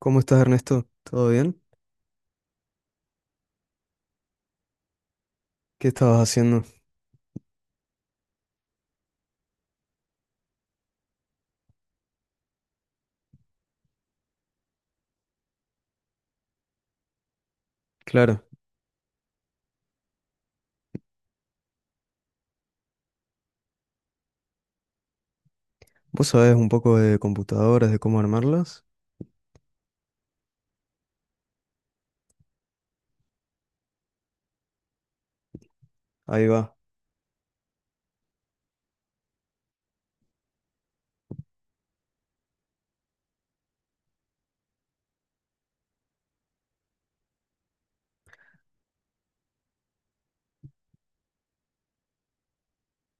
¿Cómo estás, Ernesto? ¿Todo bien? ¿Qué estabas haciendo? Claro, vos sabés un poco de computadoras, de cómo armarlas. Ahí va.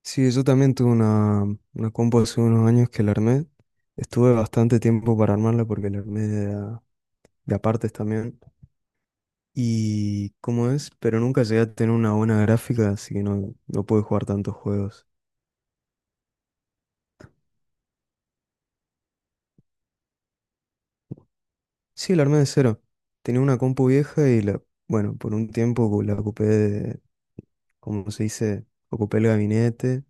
Sí, yo también tuve una compu hace unos años que la armé. Estuve bastante tiempo para armarla porque la armé de a partes también. Y cómo es, pero nunca llegué a tener una buena gráfica, así que no, no pude jugar tantos juegos. Sí, la armé de cero. Tenía una compu vieja y bueno, por un tiempo la ocupé, como se dice, ocupé el gabinete,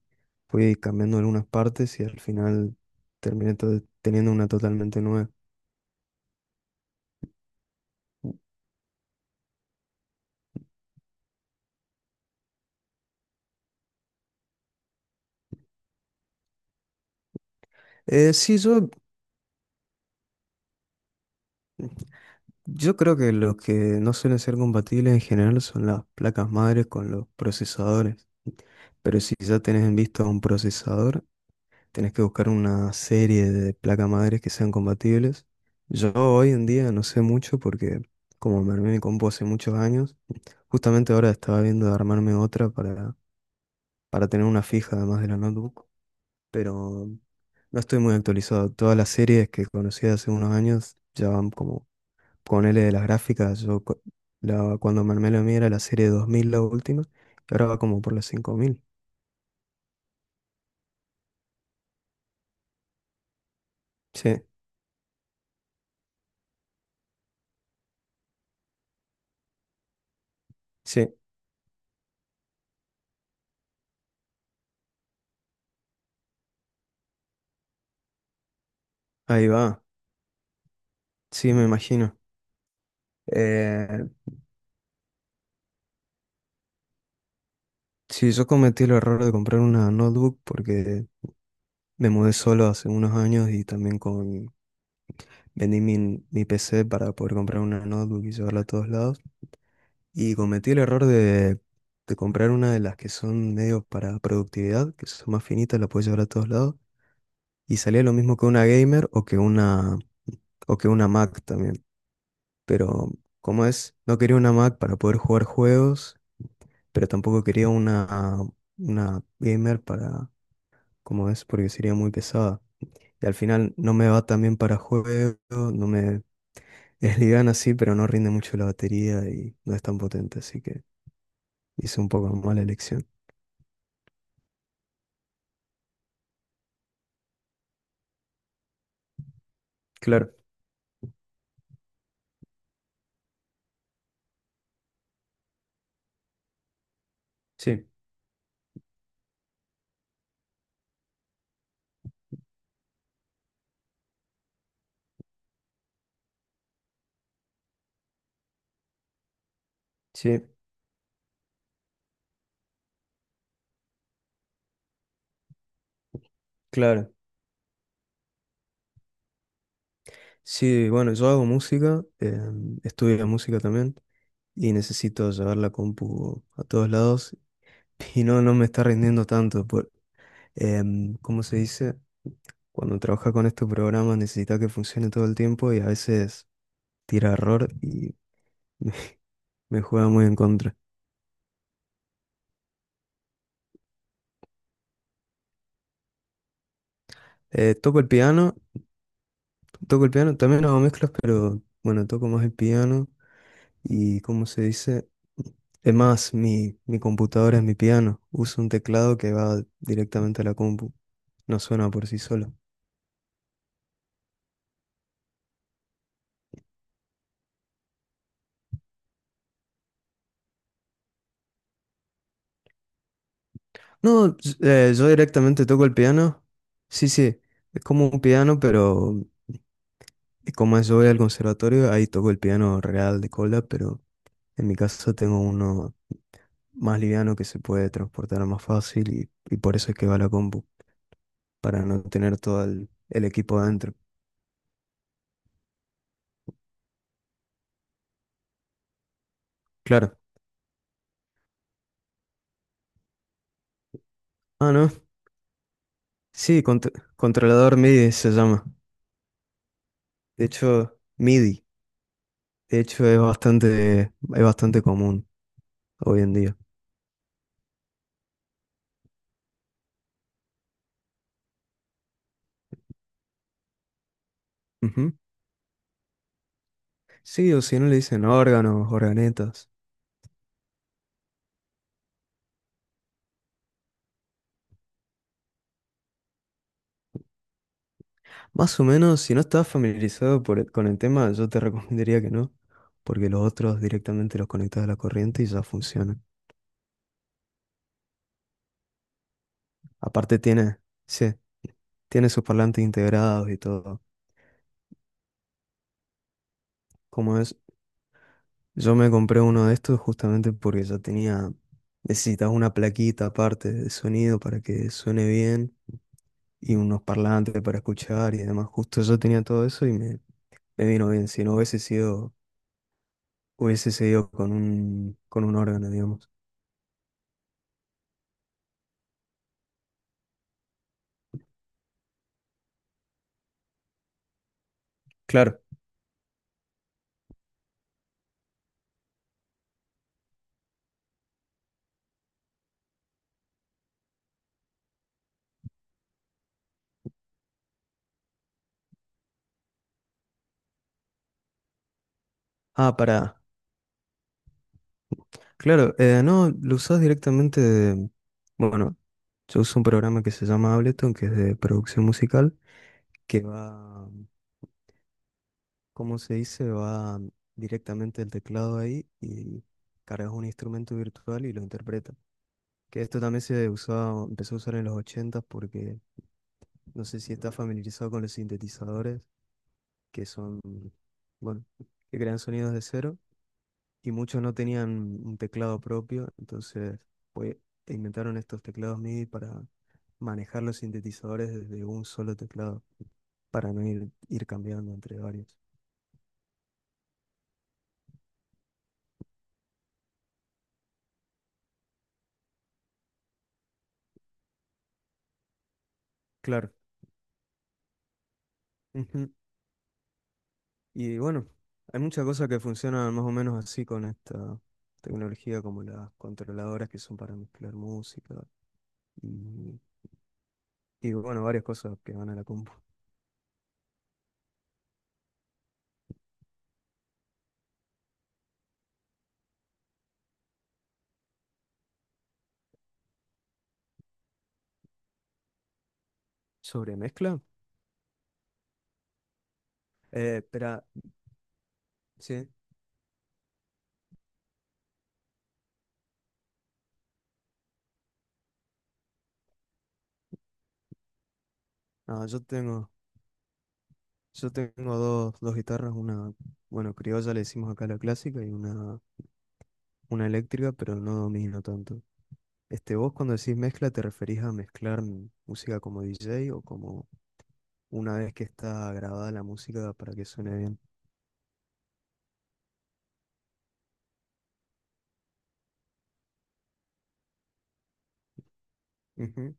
fui cambiando algunas partes y al final terminé teniendo una totalmente nueva. Sí, yo creo que los que no suelen ser compatibles en general son las placas madres con los procesadores. Pero si ya tenés en vista un procesador, tenés que buscar una serie de placas madres que sean compatibles. Yo hoy en día no sé mucho porque como me armé mi compu hace muchos años, justamente ahora estaba viendo de armarme otra para tener una fija además de la notebook, pero no estoy muy actualizado. Todas las series que conocí hace unos años ya van como con L de las gráficas. Cuando me armé la mía era la serie 2000 la última, y ahora va como por las 5000. Sí, sí, ahí va. Sí, me imagino. Eh, sí, yo cometí el error de comprar una notebook porque me mudé solo hace unos años y también con... Vendí mi PC para poder comprar una notebook y llevarla a todos lados. Y cometí el error de comprar una de las que son medios para productividad, que son más finitas, la puedes llevar a todos lados. Y salía lo mismo que una gamer o que o que una Mac también. Pero, como es? No quería una Mac para poder jugar juegos, pero tampoco quería una gamer para, como es? Porque sería muy pesada. Y al final no me va tan bien para juegos, no me... Es liviana así, pero no rinde mucho la batería y no es tan potente, así que hice un poco mala elección. Claro. Sí, sí, claro. Sí, bueno, yo hago música, estudio música también y necesito llevar la compu a todos lados y no, no me está rindiendo tanto. ¿Cómo se dice? Cuando trabajas con estos programas necesitas que funcione todo el tiempo y a veces tira error y me, me juega muy en contra. Eh, toco el piano, toco el piano, también hago mezclas, pero bueno, toco más el piano y como se dice? Es más, mi computadora es mi piano. Uso un teclado que va directamente a la compu. No suena por sí solo. No, s- yo directamente toco el piano. Sí, sí, es como un piano, pero como yo voy al conservatorio, ahí toco el piano real de cola, pero en mi caso tengo uno más liviano que se puede transportar más fácil y por eso es que va a la compu, para no tener todo el equipo adentro. Claro. Ah, no. Sí, controlador MIDI se llama. De hecho, MIDI, de hecho es bastante común hoy en día. Ujú. Sí, o si no le dicen órganos, organetas. Más o menos, si no estás familiarizado con el tema, yo te recomendaría que no, porque los otros directamente los conectas a la corriente y ya funcionan. Aparte tiene, sí, tiene sus parlantes integrados y todo. Como es, yo me compré uno de estos justamente porque ya tenía, necesitaba una plaquita aparte de sonido para que suene bien y unos parlantes para escuchar y demás. Justo yo tenía todo eso me vino bien. Si no hubiese sido, hubiese seguido con con un órgano, digamos. Claro. Ah, para. Claro, no, lo usás directamente de... Bueno, yo uso un programa que se llama Ableton, que es de producción musical, que va... como se dice? Va directamente el teclado ahí y cargas un instrumento virtual y lo interpreta. Que esto también se usaba, empezó a usar en los 80 porque no sé si estás familiarizado con los sintetizadores, que son, bueno, que crean sonidos de cero y muchos no tenían un teclado propio, entonces pues, inventaron estos teclados MIDI para manejar los sintetizadores desde un solo teclado, para no ir cambiando entre varios. Claro. Ujú. Y bueno, hay muchas cosas que funcionan más o menos así con esta tecnología, como las controladoras que son para mezclar música y, y bueno, varias cosas que van a la compu. Sobre mezcla, espera, sí, ah, yo tengo, yo tengo dos guitarras, una, bueno, criolla le decimos acá la clásica y una eléctrica, pero no domino tanto. Este, vos cuando decís mezcla, ¿te referís a mezclar música como DJ o como una vez que está grabada la música para que suene bien? Ujú.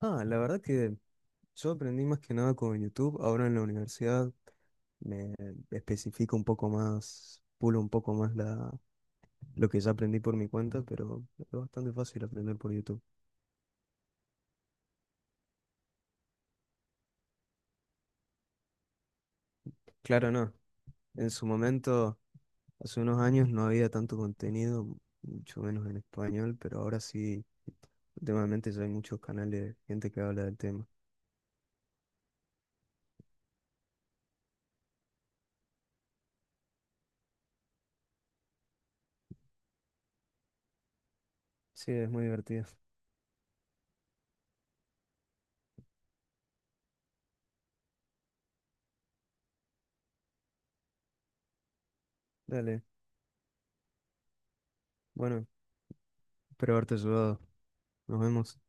Ah, la verdad que yo aprendí más que nada con YouTube. Ahora en la universidad me especifico un poco más, pulo un poco más lo que ya aprendí por mi cuenta, pero es bastante fácil aprender por YouTube. Claro, no. En su momento, hace unos años no había tanto contenido, mucho menos en español, pero ahora sí, últimamente ya hay muchos canales de gente que habla del tema. Sí, es muy divertido. Dale. Bueno, espero haberte ayudado. Nos vemos.